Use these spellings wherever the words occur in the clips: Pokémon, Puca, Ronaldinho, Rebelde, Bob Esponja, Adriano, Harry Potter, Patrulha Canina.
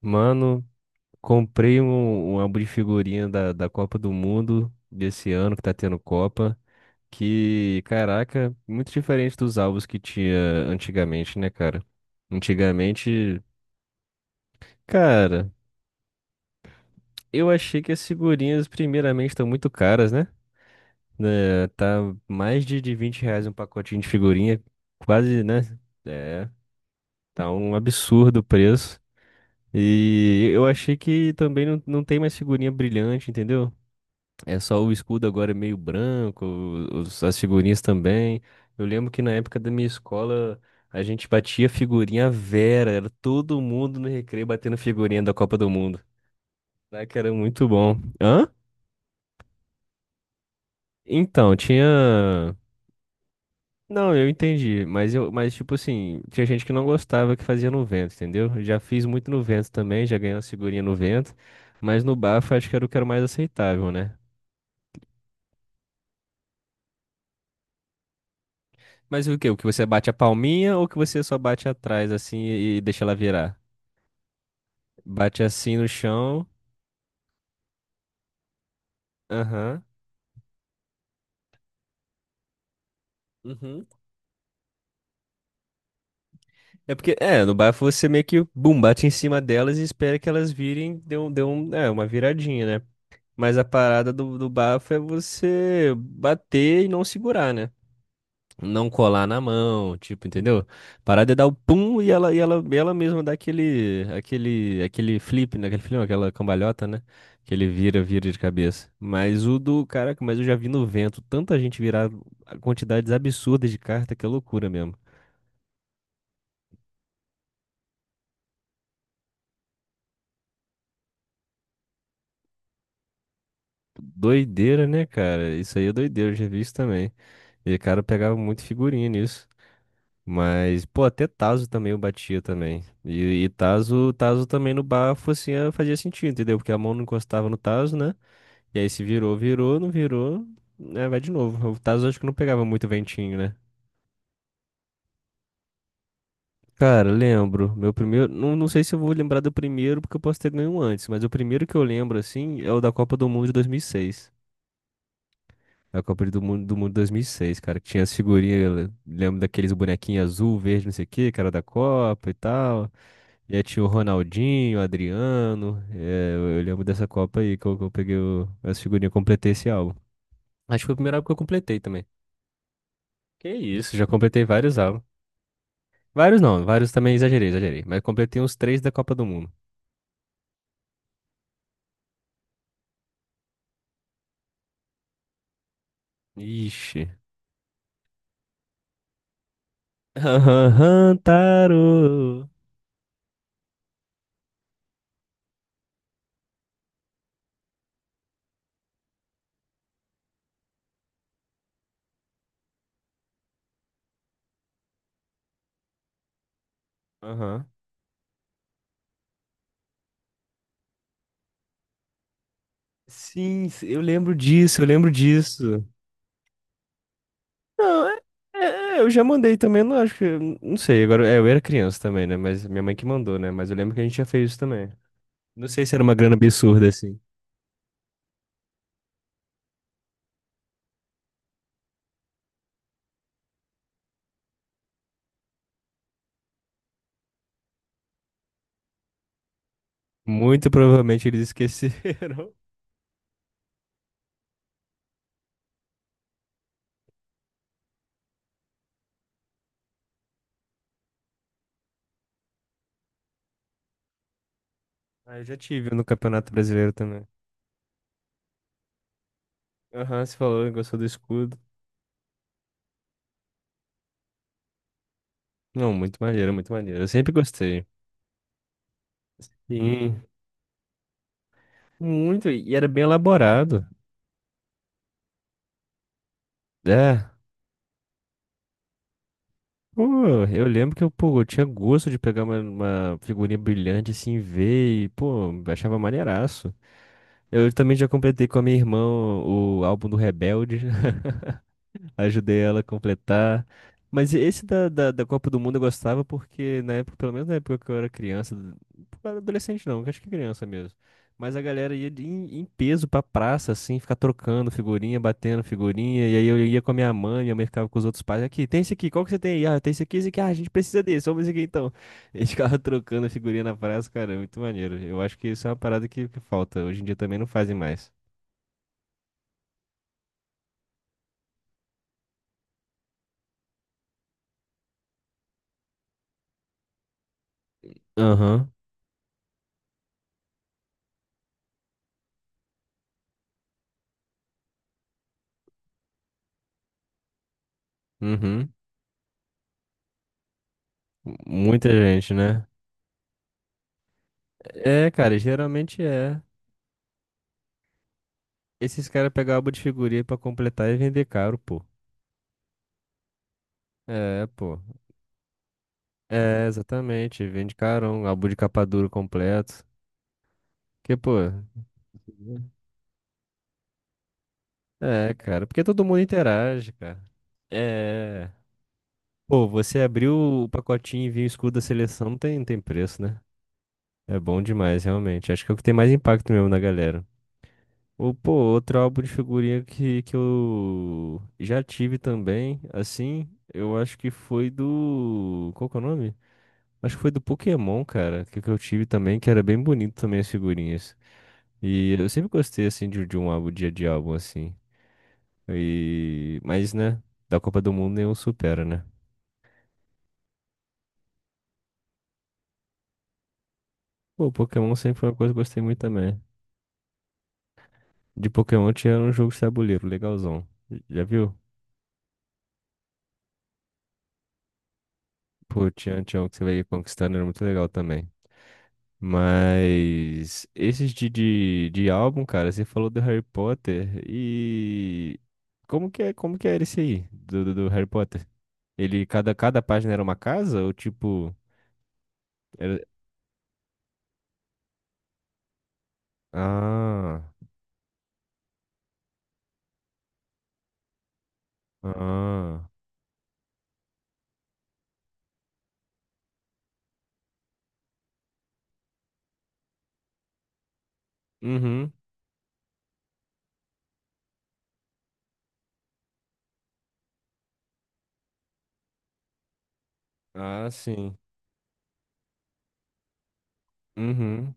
Mano, comprei um álbum de figurinha da Copa do Mundo desse ano que tá tendo Copa. Que, caraca, muito diferente dos álbuns que tinha antigamente, né, cara? Antigamente, cara, eu achei que as figurinhas, primeiramente, estão muito caras, né? Né, tá mais de 20 reais um pacotinho de figurinha, quase, né? É, tá um absurdo o preço. E eu achei que também não tem mais figurinha brilhante, entendeu? É só o escudo agora é meio branco, as figurinhas também. Eu lembro que na época da minha escola a gente batia figurinha à vera, era todo mundo no recreio batendo figurinha da Copa do Mundo. Né, que era muito bom. Hã? Então, tinha. Não, eu entendi, mas tipo assim, tinha gente que não gostava que fazia no vento, entendeu? Eu já fiz muito no vento também, já ganhei uma figurinha no vento, mas no bafo eu acho que era o que era mais aceitável, né? Mas o quê? O que você bate a palminha ou que você só bate atrás assim e deixa ela virar? Bate assim no chão. Aham. Uhum. É porque, é, no bafo você meio que, bum, bate em cima delas e espera que elas virem, dê um, é, uma viradinha, né? Mas a parada do bafo é você bater e não segurar, né? Não colar na mão, tipo, entendeu? Parar de dar o pum e ela, e ela mesma dá aquele flip, né? Aquele flip, não, aquela cambalhota, né? Que ele vira, vira de cabeça. Mas o do, caraca, mas eu já vi no vento tanta gente virar quantidades absurdas de carta que é loucura mesmo. Doideira, né, cara? Isso aí é doideira, eu já vi isso também. E o cara pegava muito figurinha nisso. Mas, pô, até Tazo também eu batia também. E Tazo, também no bafo, assim, fazia sentido, entendeu? Porque a mão não encostava no Tazo, né? E aí se virou, virou, não virou, né? Vai de novo. O Tazo acho que não pegava muito ventinho, né? Cara, lembro. Meu primeiro. Não, não sei se eu vou lembrar do primeiro, porque eu posso ter ganho um antes, mas o primeiro que eu lembro, assim, é o da Copa do Mundo de 2006. A Copa do Mundo de 2006, cara, que tinha as figurinhas, eu lembro daqueles bonequinhos azul, verde, não sei o que, cara da Copa e tal. Já tinha o Ronaldinho, o Adriano. É, eu lembro dessa Copa aí que eu peguei o, essa figurinha, completei esse álbum. Acho que foi o primeiro álbum que eu completei também. Que isso, já completei vários álbuns. Vários não, vários também exagerei, exagerei. Mas completei uns três da Copa do Mundo. Ixi. Aham, Taro. Aham. Sim, eu lembro disso, eu lembro disso. Não, é, é, eu já mandei também, eu não acho que. Não sei, agora. É, eu era criança também, né? Mas minha mãe que mandou, né? Mas eu lembro que a gente já fez isso também. Não sei se era uma grana absurda, assim. Muito provavelmente eles esqueceram. Ah, eu já tive um no Campeonato Brasileiro também. Aham, você falou, gostou do escudo. Não, muito maneiro, muito maneiro. Eu sempre gostei. Sim, muito. E era bem elaborado. É. Pô, eu lembro que eu, pô, eu tinha gosto de pegar uma figurinha brilhante assim, ver e, pô, achava maneiraço. Eu também já completei com a minha irmã o álbum do Rebelde. Ajudei ela a completar. Mas esse da Copa do Mundo eu gostava porque na época, pelo menos na época que eu era criança, eu era adolescente não, acho que criança mesmo. Mas a galera ia em peso pra praça, assim, ficar trocando figurinha, batendo figurinha. E aí eu ia com a minha mãe ficava com os outros pais. Aqui, tem esse aqui, qual que você tem aí? Ah, tem esse aqui, esse aqui. Ah, a gente precisa desse, vamos esse aqui então. E eles ficavam trocando figurinha na praça, cara, é muito maneiro. Eu acho que isso é uma parada que falta. Hoje em dia também não fazem mais. Aham, uhum. Muita gente, né? É, cara, geralmente é. Esses caras pegam álbum de figurinha pra completar e vender caro, pô. É, pô. É, exatamente. Vende carão, álbum de capa dura completo. Que, pô. É, cara. Porque todo mundo interage, cara. É. Pô, você abriu o pacotinho e viu o escudo da seleção, não tem, não tem preço, né? É bom demais, realmente. Acho que é o que tem mais impacto mesmo na galera. Ou, pô, outro álbum de figurinha que eu já tive também, assim, eu acho que foi do. Qual que é o nome? Acho que foi do Pokémon, cara, que eu tive também, que era bem bonito também as figurinhas. E eu sempre gostei, assim, de um álbum, dia de álbum, assim. E... Mas, né, da Copa do Mundo nenhum supera, né? Pô, Pokémon sempre foi uma coisa que eu gostei muito também. De Pokémon tinha um jogo de tabuleiro, legalzão. Já viu? Pô, tinha um que você vai conquistando, era muito legal também. Mas esses de álbum, cara, você falou do Harry Potter e como que é, como que era esse aí do Harry Potter? Ele cada página era uma casa ou tipo era... Ah, ah. Uhum. Ah, sim. Uhum.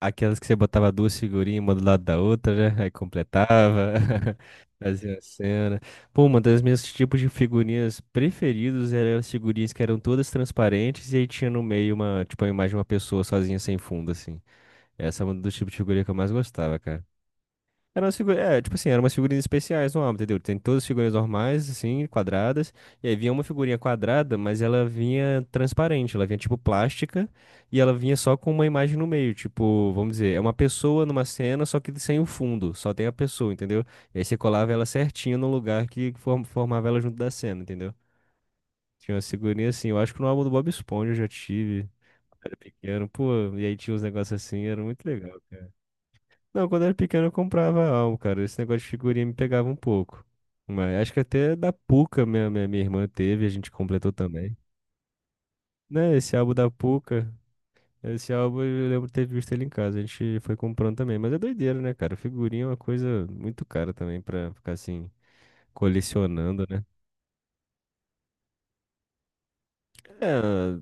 Aquelas que você botava duas figurinhas uma do lado da outra, né? Aí completava, fazia a cena. Pô, uma das minhas tipos de figurinhas preferidos eram as figurinhas que eram todas transparentes e aí tinha no meio uma, tipo, a imagem de uma pessoa sozinha sem fundo, assim. Essa é um dos tipos de figurinha que eu mais gostava, cara. Eram as figuras, é, tipo assim, eram umas figurinhas especiais no álbum, entendeu? Tem todas as figurinhas normais, assim, quadradas, e aí vinha uma figurinha quadrada, mas ela vinha transparente, ela vinha tipo plástica, e ela vinha só com uma imagem no meio, tipo, vamos dizer, é uma pessoa numa cena, só que sem o fundo, só tem a pessoa, entendeu? E aí você colava ela certinho no lugar que formava ela junto da cena, entendeu? Tinha uma figurinhas assim, eu acho que no álbum do Bob Esponja eu já tive, que eram, pô, e aí tinha uns negócios assim, era muito legal. Não, quando eu era pequeno eu comprava álbum, cara. Esse negócio de figurinha me pegava um pouco. Mas acho que até da Puca minha irmã teve, a gente completou também. Né, esse álbum da Puca, esse álbum eu lembro de ter visto ele em casa, a gente foi comprando também. Mas é doideira, né, cara? Figurinha é uma coisa muito cara também pra ficar assim, colecionando, né? É,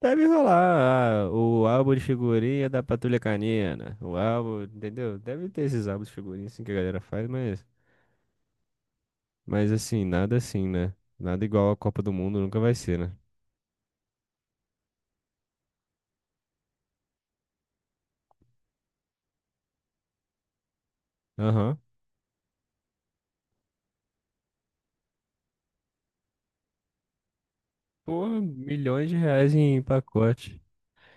deve rolar. Ah, o álbum de figurinha da Patrulha Canina. O álbum, entendeu? Deve ter esses álbuns de figurinha assim que a galera faz, mas. Mas assim, nada assim, né? Nada igual a Copa do Mundo nunca vai ser, né? Aham. Pô, milhões de reais em pacote.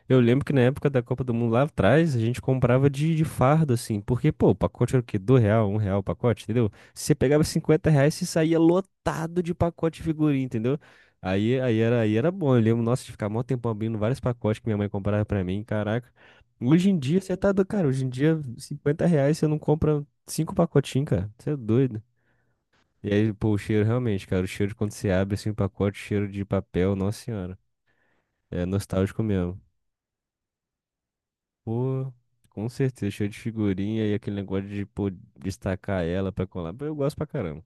Eu lembro que na época da Copa do Mundo lá atrás, a gente comprava de fardo, assim. Porque, pô, o pacote era o quê? Do real, um real o pacote, entendeu? Se você pegava cinquenta reais, você saía lotado de pacote de figurinha, entendeu? Aí era bom. Eu lembro, nossa, de ficar mó tempão abrindo vários pacotes que minha mãe comprava pra mim, caraca. Hoje em dia, você tá do... Cara, hoje em dia, 50 reais você não compra cinco pacotinhos, cara. Você é doido. E aí, pô, o cheiro realmente, cara, o cheiro de quando você abre assim o pacote, cheiro de papel, nossa senhora. É nostálgico mesmo. Pô, com certeza, cheiro de figurinha e aquele negócio de, pô, destacar ela pra colar. Pô, eu gosto pra caramba.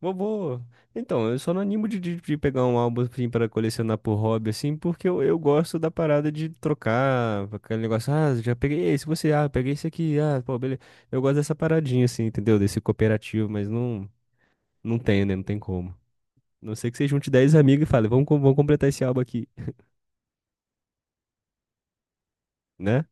Vou, vou. Então, eu só não animo de pegar um álbum assim pra colecionar por hobby, assim, porque eu gosto da parada de trocar, aquele negócio, ah, já peguei esse, você, ah, peguei esse aqui, ah, pô, beleza. Eu gosto dessa paradinha, assim, entendeu? Desse cooperativo, mas não, não tenho, né? Não tem como. Não sei que você junte 10 amigos e fale, vamos, vamos completar esse álbum aqui, né?